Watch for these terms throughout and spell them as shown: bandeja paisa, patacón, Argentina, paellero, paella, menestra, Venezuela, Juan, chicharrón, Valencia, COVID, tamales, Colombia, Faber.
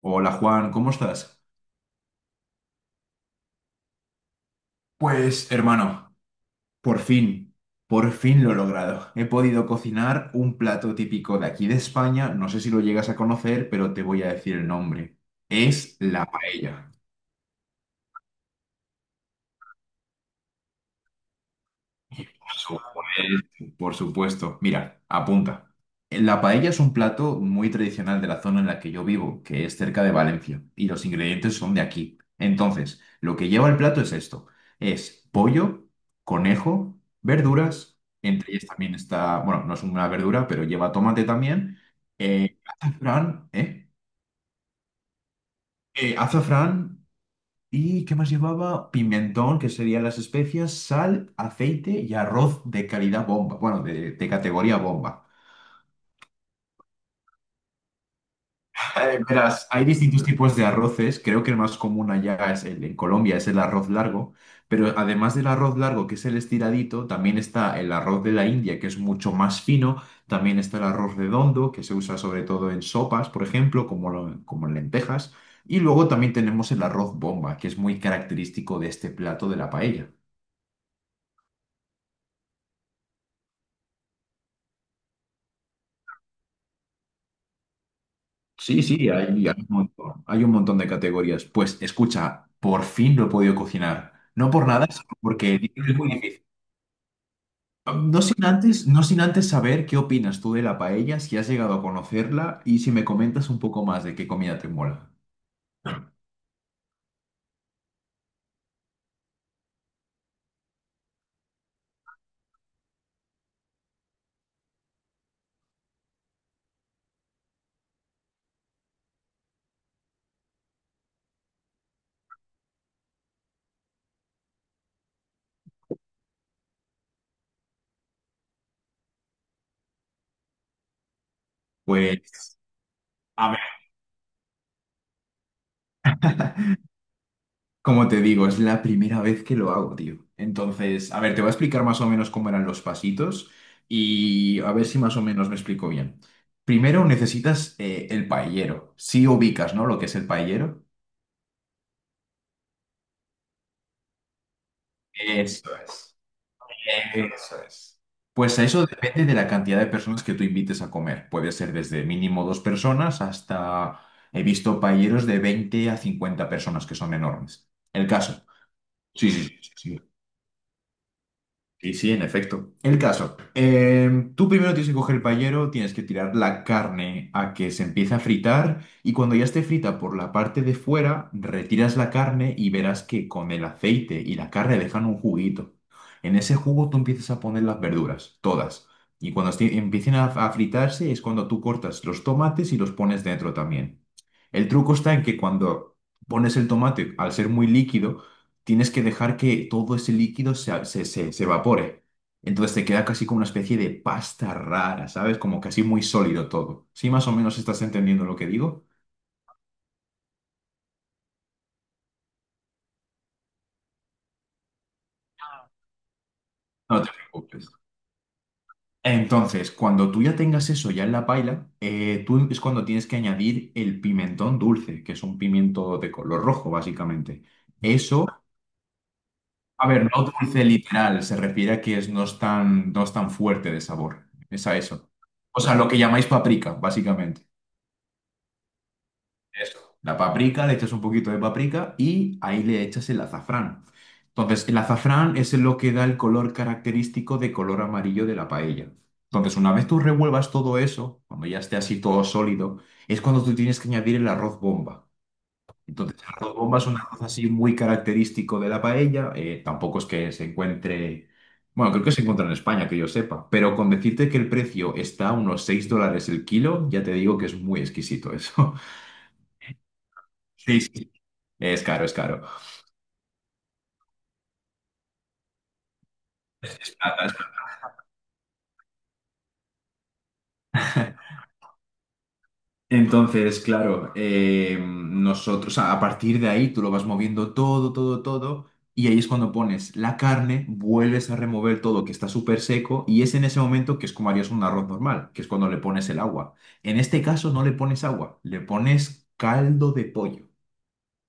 Hola Juan, ¿cómo estás? Pues hermano, por fin, por fin lo he logrado. He podido cocinar un plato típico de aquí de España, no sé si lo llegas a conocer, pero te voy a decir el nombre. Es la paella. Supuesto, Por supuesto. Mira, apunta. La paella es un plato muy tradicional de la zona en la que yo vivo, que es cerca de Valencia, y los ingredientes son de aquí. Entonces, lo que lleva el plato es esto. Es pollo, conejo, verduras, entre ellas también está, bueno, no es una verdura, pero lleva tomate también, azafrán, ¿eh? Azafrán. ¿Y qué más llevaba? Pimentón, que serían las especias, sal, aceite y arroz de calidad bomba. Bueno, de categoría bomba. Verás, hay distintos tipos de arroces. Creo que el más común allá es el, en Colombia es el arroz largo. Pero además del arroz largo, que es el estiradito, también está el arroz de la India, que es mucho más fino. También está el arroz redondo, que se usa sobre todo en sopas, por ejemplo, como, como en lentejas. Y luego también tenemos el arroz bomba, que es muy característico de este plato de la paella. Sí, sí, hay un montón de categorías. Pues escucha, por fin lo he podido cocinar. No por nada, sino porque es muy difícil. No sin antes saber qué opinas tú de la paella, si has llegado a conocerla y si me comentas un poco más de qué comida te mola. Pues, a como te digo, es la primera vez que lo hago, tío. Entonces, a ver, te voy a explicar más o menos cómo eran los pasitos y a ver si más o menos me explico bien. Primero necesitas el paellero. Si ubicas, ¿no? Lo que es el paellero. Eso es. Eso es. Pues eso depende de la cantidad de personas que tú invites a comer. Puede ser desde mínimo dos personas hasta, he visto paelleros de 20 a 50 personas que son enormes. El caso. Sí, sí, sí, sí, sí. Sí, sí, en efecto. El caso, tú primero tienes que coger el paellero, tienes que tirar la carne a que se empiece a fritar y cuando ya esté frita por la parte de fuera, retiras la carne y verás que con el aceite y la carne dejan un juguito. En ese jugo tú empiezas a poner las verduras, todas. Y cuando empiecen a fritarse es cuando tú cortas los tomates y los pones dentro también. El truco está en que cuando pones el tomate, al ser muy líquido, tienes que dejar que todo ese líquido se evapore. Entonces te queda casi como una especie de pasta rara, ¿sabes? Como casi muy sólido todo. ¿Sí más o menos estás entendiendo lo que digo? No te preocupes. Entonces, cuando tú ya tengas eso ya en la paila, tú es cuando tienes que añadir el pimentón dulce, que es un pimiento de color rojo, básicamente. Eso, a ver, no dulce literal, se refiere a que es, no es tan, no es tan fuerte de sabor. Es a eso. O sea, lo que llamáis paprika, básicamente. Eso. La paprika, le echas un poquito de paprika y ahí le echas el azafrán. Entonces, el azafrán es lo que da el color característico de color amarillo de la paella. Entonces, una vez tú revuelvas todo eso, cuando ya esté así todo sólido, es cuando tú tienes que añadir el arroz bomba. Entonces, el arroz bomba es un arroz así muy característico de la paella. Tampoco es que se encuentre, bueno, creo que se encuentra en España, que yo sepa, pero con decirte que el precio está a unos 6 dólares el kilo, ya te digo que es muy exquisito eso. Sí, sí, es caro, es caro. Entonces, claro, nosotros a partir de ahí tú lo vas moviendo todo, todo, todo, y ahí es cuando pones la carne, vuelves a remover todo que está súper seco, y es en ese momento que es como harías un arroz normal, que es cuando le pones el agua. En este caso no le pones agua, le pones caldo de pollo.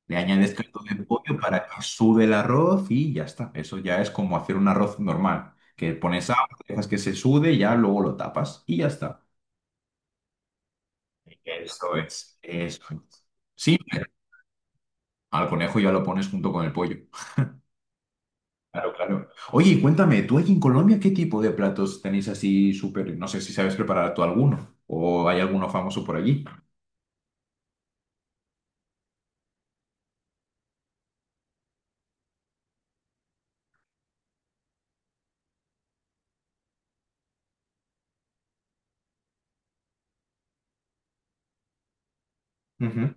Le añades caldo de pollo para que sude el arroz y ya está. Eso ya es como hacer un arroz normal, que pones agua, dejas que se sude, ya luego lo tapas y ya está. Eso es, eso es. Sí, al conejo ya lo pones junto con el pollo. Claro, claro. Oye, y cuéntame, ¿tú allí en Colombia qué tipo de platos tenéis así súper? No sé si sabes preparar tú alguno o hay alguno famoso por allí. Ujú.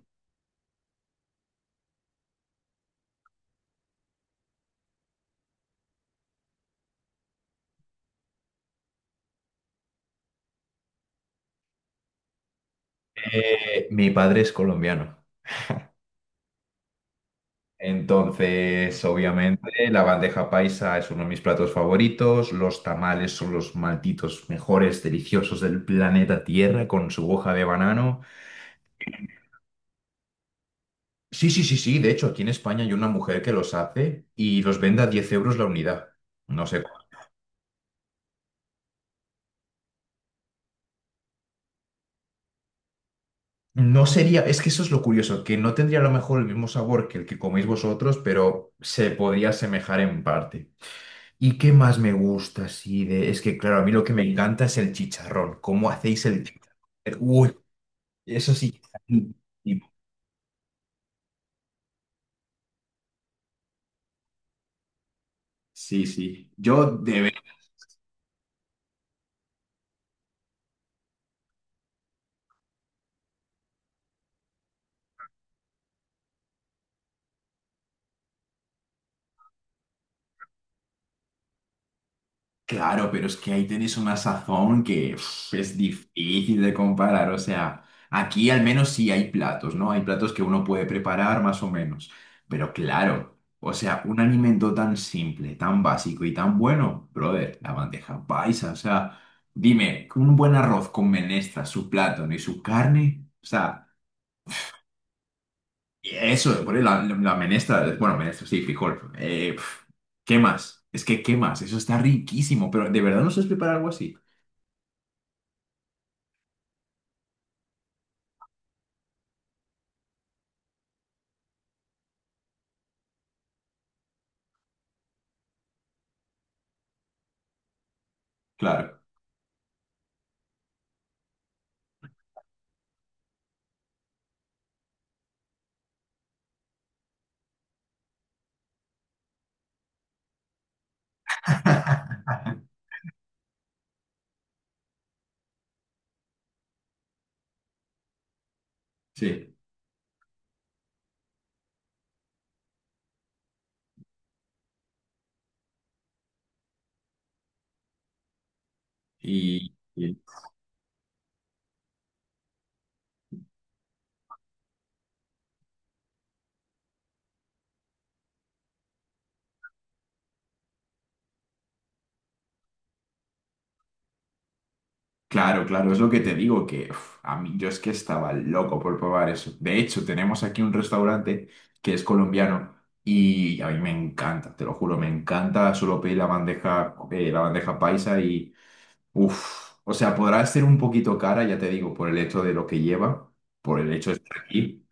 Mi padre es colombiano, entonces obviamente la bandeja paisa es uno de mis platos favoritos, los tamales son los malditos mejores deliciosos del planeta Tierra con su hoja de banano. Sí, sí, sí, sí. De hecho, aquí en España hay una mujer que los hace y los vende a 10 euros la unidad. No sé. No sería, es que eso es lo curioso, que no tendría a lo mejor el mismo sabor que el que coméis vosotros, pero se podría asemejar en parte. ¿Y qué más me gusta así de? Es que, claro, a mí lo que me encanta es el chicharrón. ¿Cómo hacéis el chicharrón? Uy, eso sí. Sí, sí. Yo de claro, pero es que ahí tenéis una sazón que uf, es difícil de comparar. O sea, aquí al menos sí hay platos, ¿no? Hay platos que uno puede preparar más o menos. Pero claro, o sea, un alimento tan simple, tan básico y tan bueno, brother, la bandeja paisa. O sea, dime, un buen arroz con menestra, su plátano y su carne. O sea, eso, por la menestra, bueno, menestra, sí, frijol. ¿Qué más? Es que, ¿qué más? Eso está riquísimo, pero ¿de verdad no sabes preparar algo así? Claro, sí. Y, y- claro, claro, es lo que te digo, que uf, a mí yo es que estaba loco por probar eso. De hecho, tenemos aquí un restaurante que es colombiano y a mí me encanta, te lo juro, me encanta. Solo pedir la bandeja paisa y, uff, o sea, podrá ser un poquito cara, ya te digo, por el hecho de lo que lleva, por el hecho de estar aquí.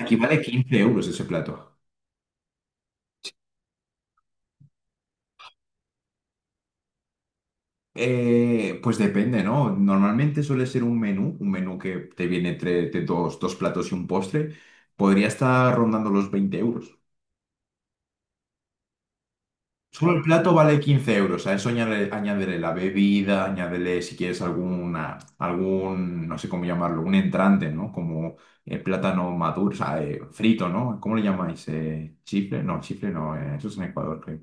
Aquí vale 15 euros ese plato. Pues depende, ¿no? Normalmente suele ser un menú que te viene entre dos platos y un postre. Podría estar rondando los 20 euros. Solo el, vale, plato vale 15 euros. A eso añádele, la bebida, añádele si quieres alguna, algún, no sé cómo llamarlo, un entrante, ¿no? Como plátano maduro, o sea, frito, ¿no? ¿Cómo le llamáis? ¿Chifle? No, chifle no, eso es en Ecuador, creo.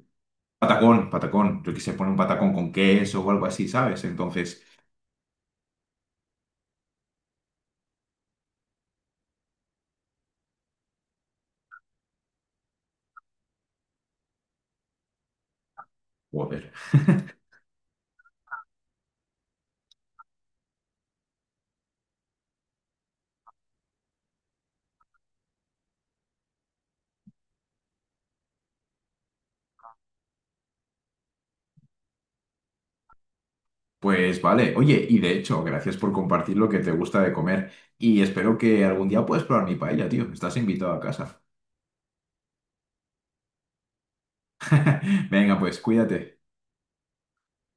Patacón, patacón. Yo que se pone un patacón con queso o algo así, ¿sabes? Entonces, joder. Pues vale, oye, y de hecho, gracias por compartir lo que te gusta de comer y espero que algún día puedas probar mi paella, tío. Estás invitado a casa. Venga, pues cuídate.